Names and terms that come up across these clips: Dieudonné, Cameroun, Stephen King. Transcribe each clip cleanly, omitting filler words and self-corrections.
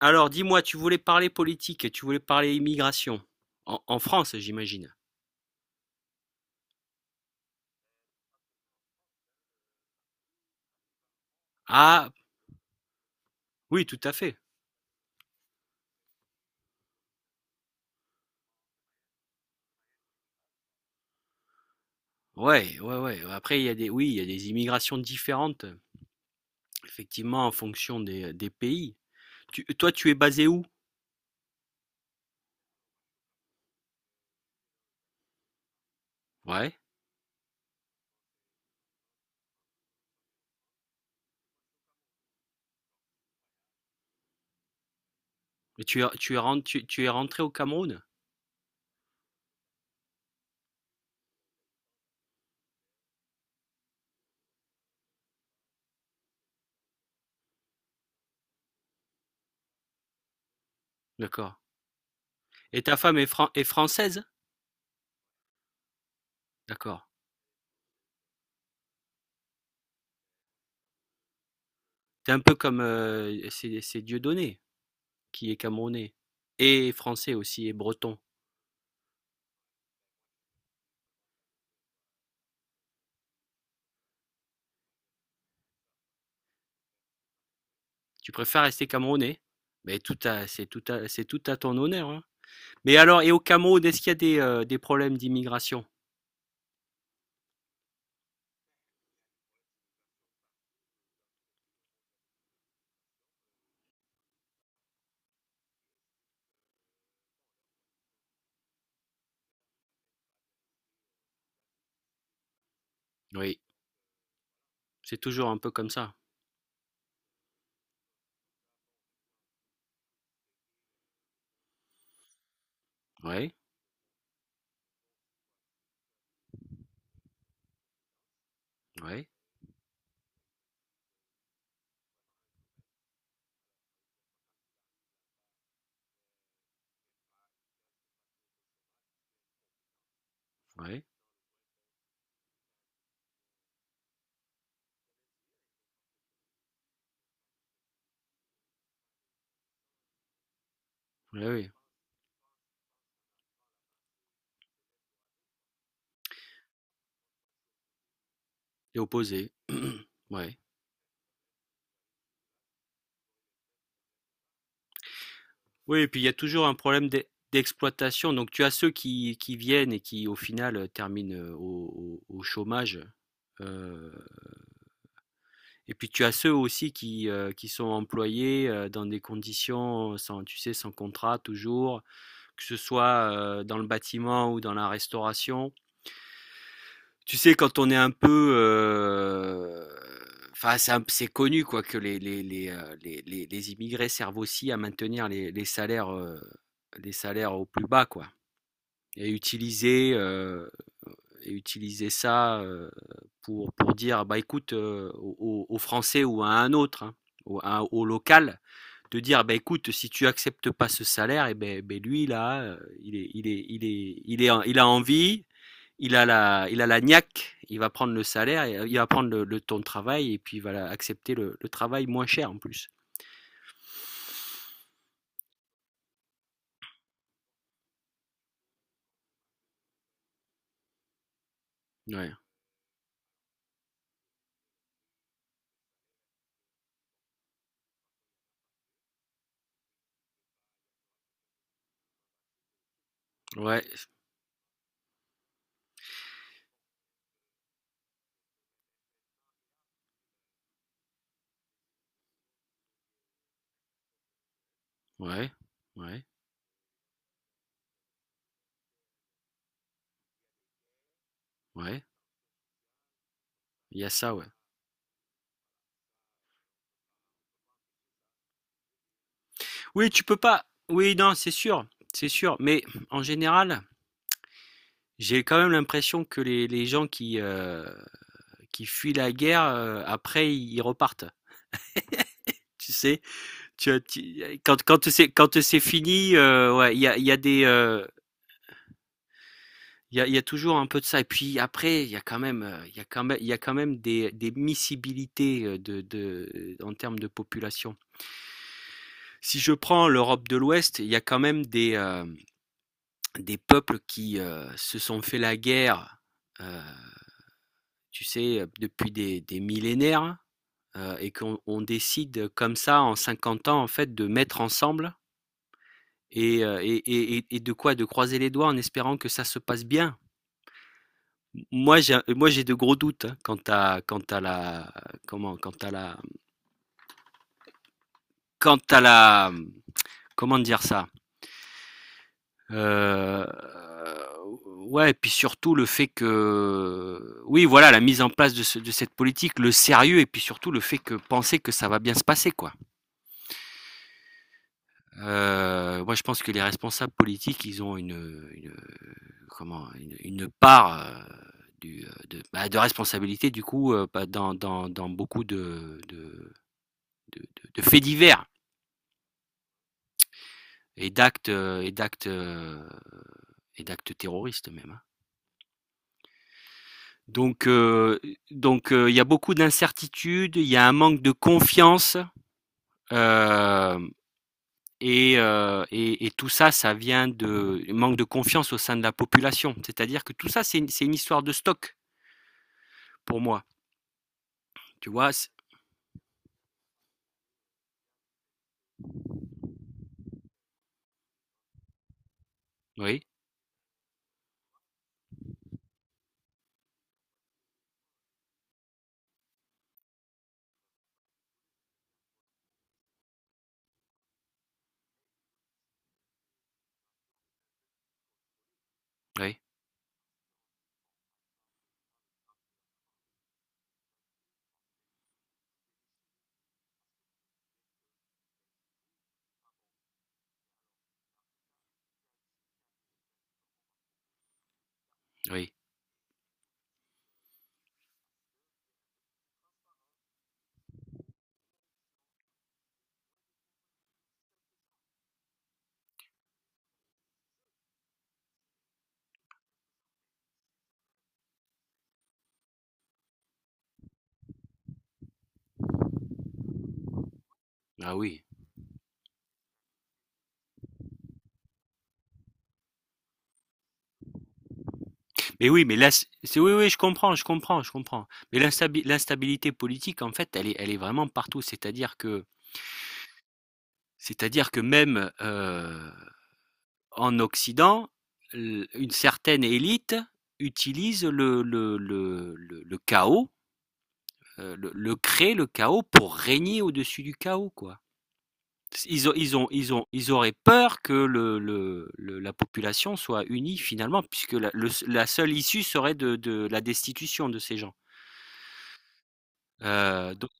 Alors dis-moi, tu voulais parler politique, tu voulais parler immigration. En France, j'imagine. Ah, oui, tout à fait. Ouais, ouais, ouais. Après, il y a des, oui, il y a des immigrations différentes, effectivement, en fonction des pays. Toi, tu es basé où? Ouais. Et tu es rentré au Cameroun? D'accord. Et ta femme est française? D'accord. T'es un peu comme, c'est Dieudonné, qui est camerounais. Et français aussi, et breton. Tu préfères rester camerounais. Mais tout c'est tout c'est tout à ton honneur, hein. Mais alors, et au Cameroun, est-ce qu'il y a des problèmes d'immigration? Oui, c'est toujours un peu comme ça. Oui, oui, oui, oui, oui. Et opposé. Ouais. Oui, et puis il y a toujours un problème d'exploitation. Donc tu as ceux qui viennent et qui au final terminent au chômage. Euh, et puis tu as ceux aussi qui sont employés dans des conditions sans, tu sais, sans contrat toujours, que ce soit dans le bâtiment ou dans la restauration. Tu sais, quand on est un peu, enfin, c'est connu quoi, que les immigrés servent aussi à maintenir les salaires, les salaires au plus bas quoi, et utiliser ça pour dire bah écoute aux Français ou à un autre, hein, au local, de dire bah écoute si tu acceptes pas ce salaire, et ben, lui là, il a envie, il a la niaque, il va prendre le salaire, il va prendre le ton de travail et puis il va accepter le travail moins cher en plus. Ouais, ouais, ouais, ouais, ouais. Il y a ça, ouais. Oui, tu peux pas. Oui, non, c'est sûr, c'est sûr. Mais en général, j'ai quand même l'impression que les gens qui fuient la guerre, après, ils repartent. Tu sais, tu, as- tu- quand, quand c'est fini, ouais, il y a toujours un peu de ça. Et puis après, il y a quand même des miscibilités en termes de population. Si je prends l'Europe de l'Ouest, il y a quand même des peuples qui se sont fait la guerre, euh, tu sais, depuis des millénaires, et qu'on décide comme ça en 50 ans, en fait, de mettre ensemble et, euh, et, et de quoi, de croiser les doigts en espérant que ça se passe bien. Moi, j'ai de gros doutes, hein, comment, quant à la, quant à la, comment dire ça. Heu, ouais, et puis surtout le fait que oui, voilà, la mise en place de cette politique, le sérieux et puis surtout le fait que penser que ça va bien se passer, quoi. Moi je pense que les responsables politiques, ils ont une, comment? Une part, de bah, de responsabilité du coup, bah, dans beaucoup de de faits divers et d'actes, heu, et d'actes, heu, et d'actes terroristes même, hein. Donc, euh, donc, il y a beaucoup d'incertitudes, il y a un manque de confiance, euh, et tout ça, ça vient de manque de confiance au sein de la population. C'est-à-dire que tout ça, c'est une histoire de stock pour moi. Tu vois. Oui, oui, oui. Ah oui. Mais oui, mais là, oui, oui, je comprends, je comprends, je comprends. Mais l'instabilité politique, en fait, elle est vraiment partout. C'est-à-dire que même, en Occident, une certaine élite utilise le chaos, le crée le chaos pour régner au-dessus du chaos, quoi. Ils auraient peur que la population soit unie finalement, puisque la seule issue serait de la destitution de ces gens. Euh, donc-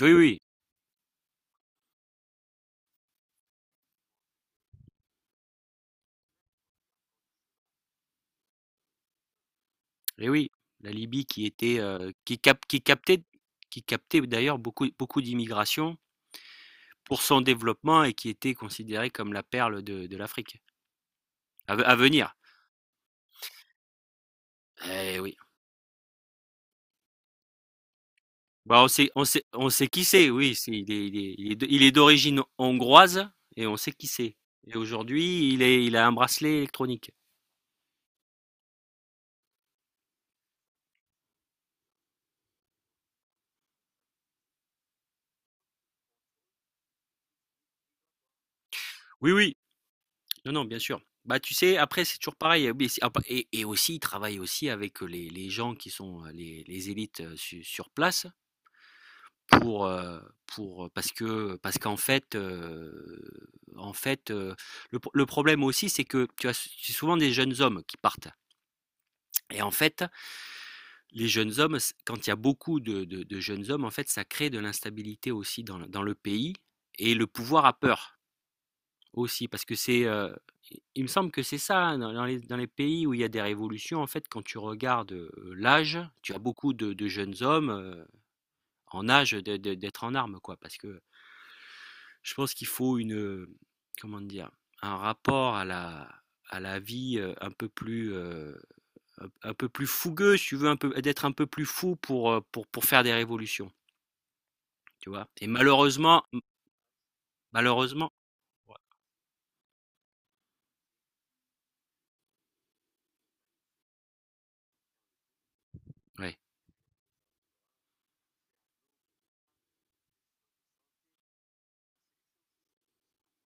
oui, oui, et oui, la Libye qui était, qui captait d'ailleurs beaucoup, beaucoup d'immigration pour son développement et qui était considérée comme la perle de l'Afrique à venir. Eh oui. Bah, on sait qui c'est, oui. Il est, il est- il est de- il est d'origine hongroise et on sait qui c'est. Et aujourd'hui, il a un bracelet électronique. Oui, oui. Non, non, bien sûr. Bah, tu sais, après, c'est toujours pareil. Et aussi, il travaille aussi avec les gens qui sont les élites sur place. Pour, heu, parce qu'en fait, en fait, heu, le problème aussi, c'est que tu as c'est souvent des jeunes hommes qui partent et en fait, les jeunes hommes, s quand il y a beaucoup de jeunes hommes, en fait, ça crée de l'instabilité aussi dans le pays et le pouvoir a peur aussi parce que il me semble que c'est ça, hein, dans les pays où il y a des révolutions, en fait, quand tu regardes, l'âge, tu as beaucoup de jeunes hommes, en âge de d'être en armes, quoi, parce que je pense qu'il faut euh, comment dire? Un rapport à la vie, un peu plus fougueux, si tu veux, un peu d'être un peu plus fou pour faire des révolutions, tu vois? Et malheureusement, ouais.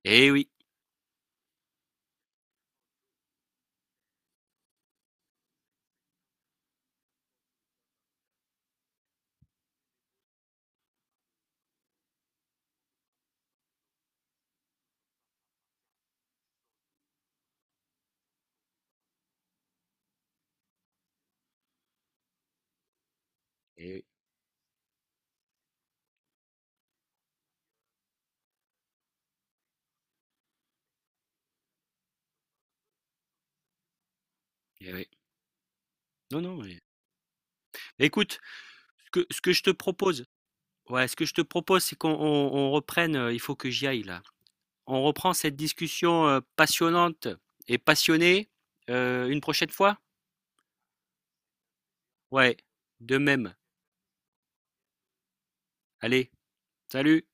Eh oui, eh oui, eh oui. Non, non, mais écoute, ce que je te propose, ouais, ce que je te propose, c'est qu'on reprenne, il faut que j'y aille là. On reprend cette discussion, passionnante et passionnée, une prochaine fois? Ouais, de même. Allez, salut.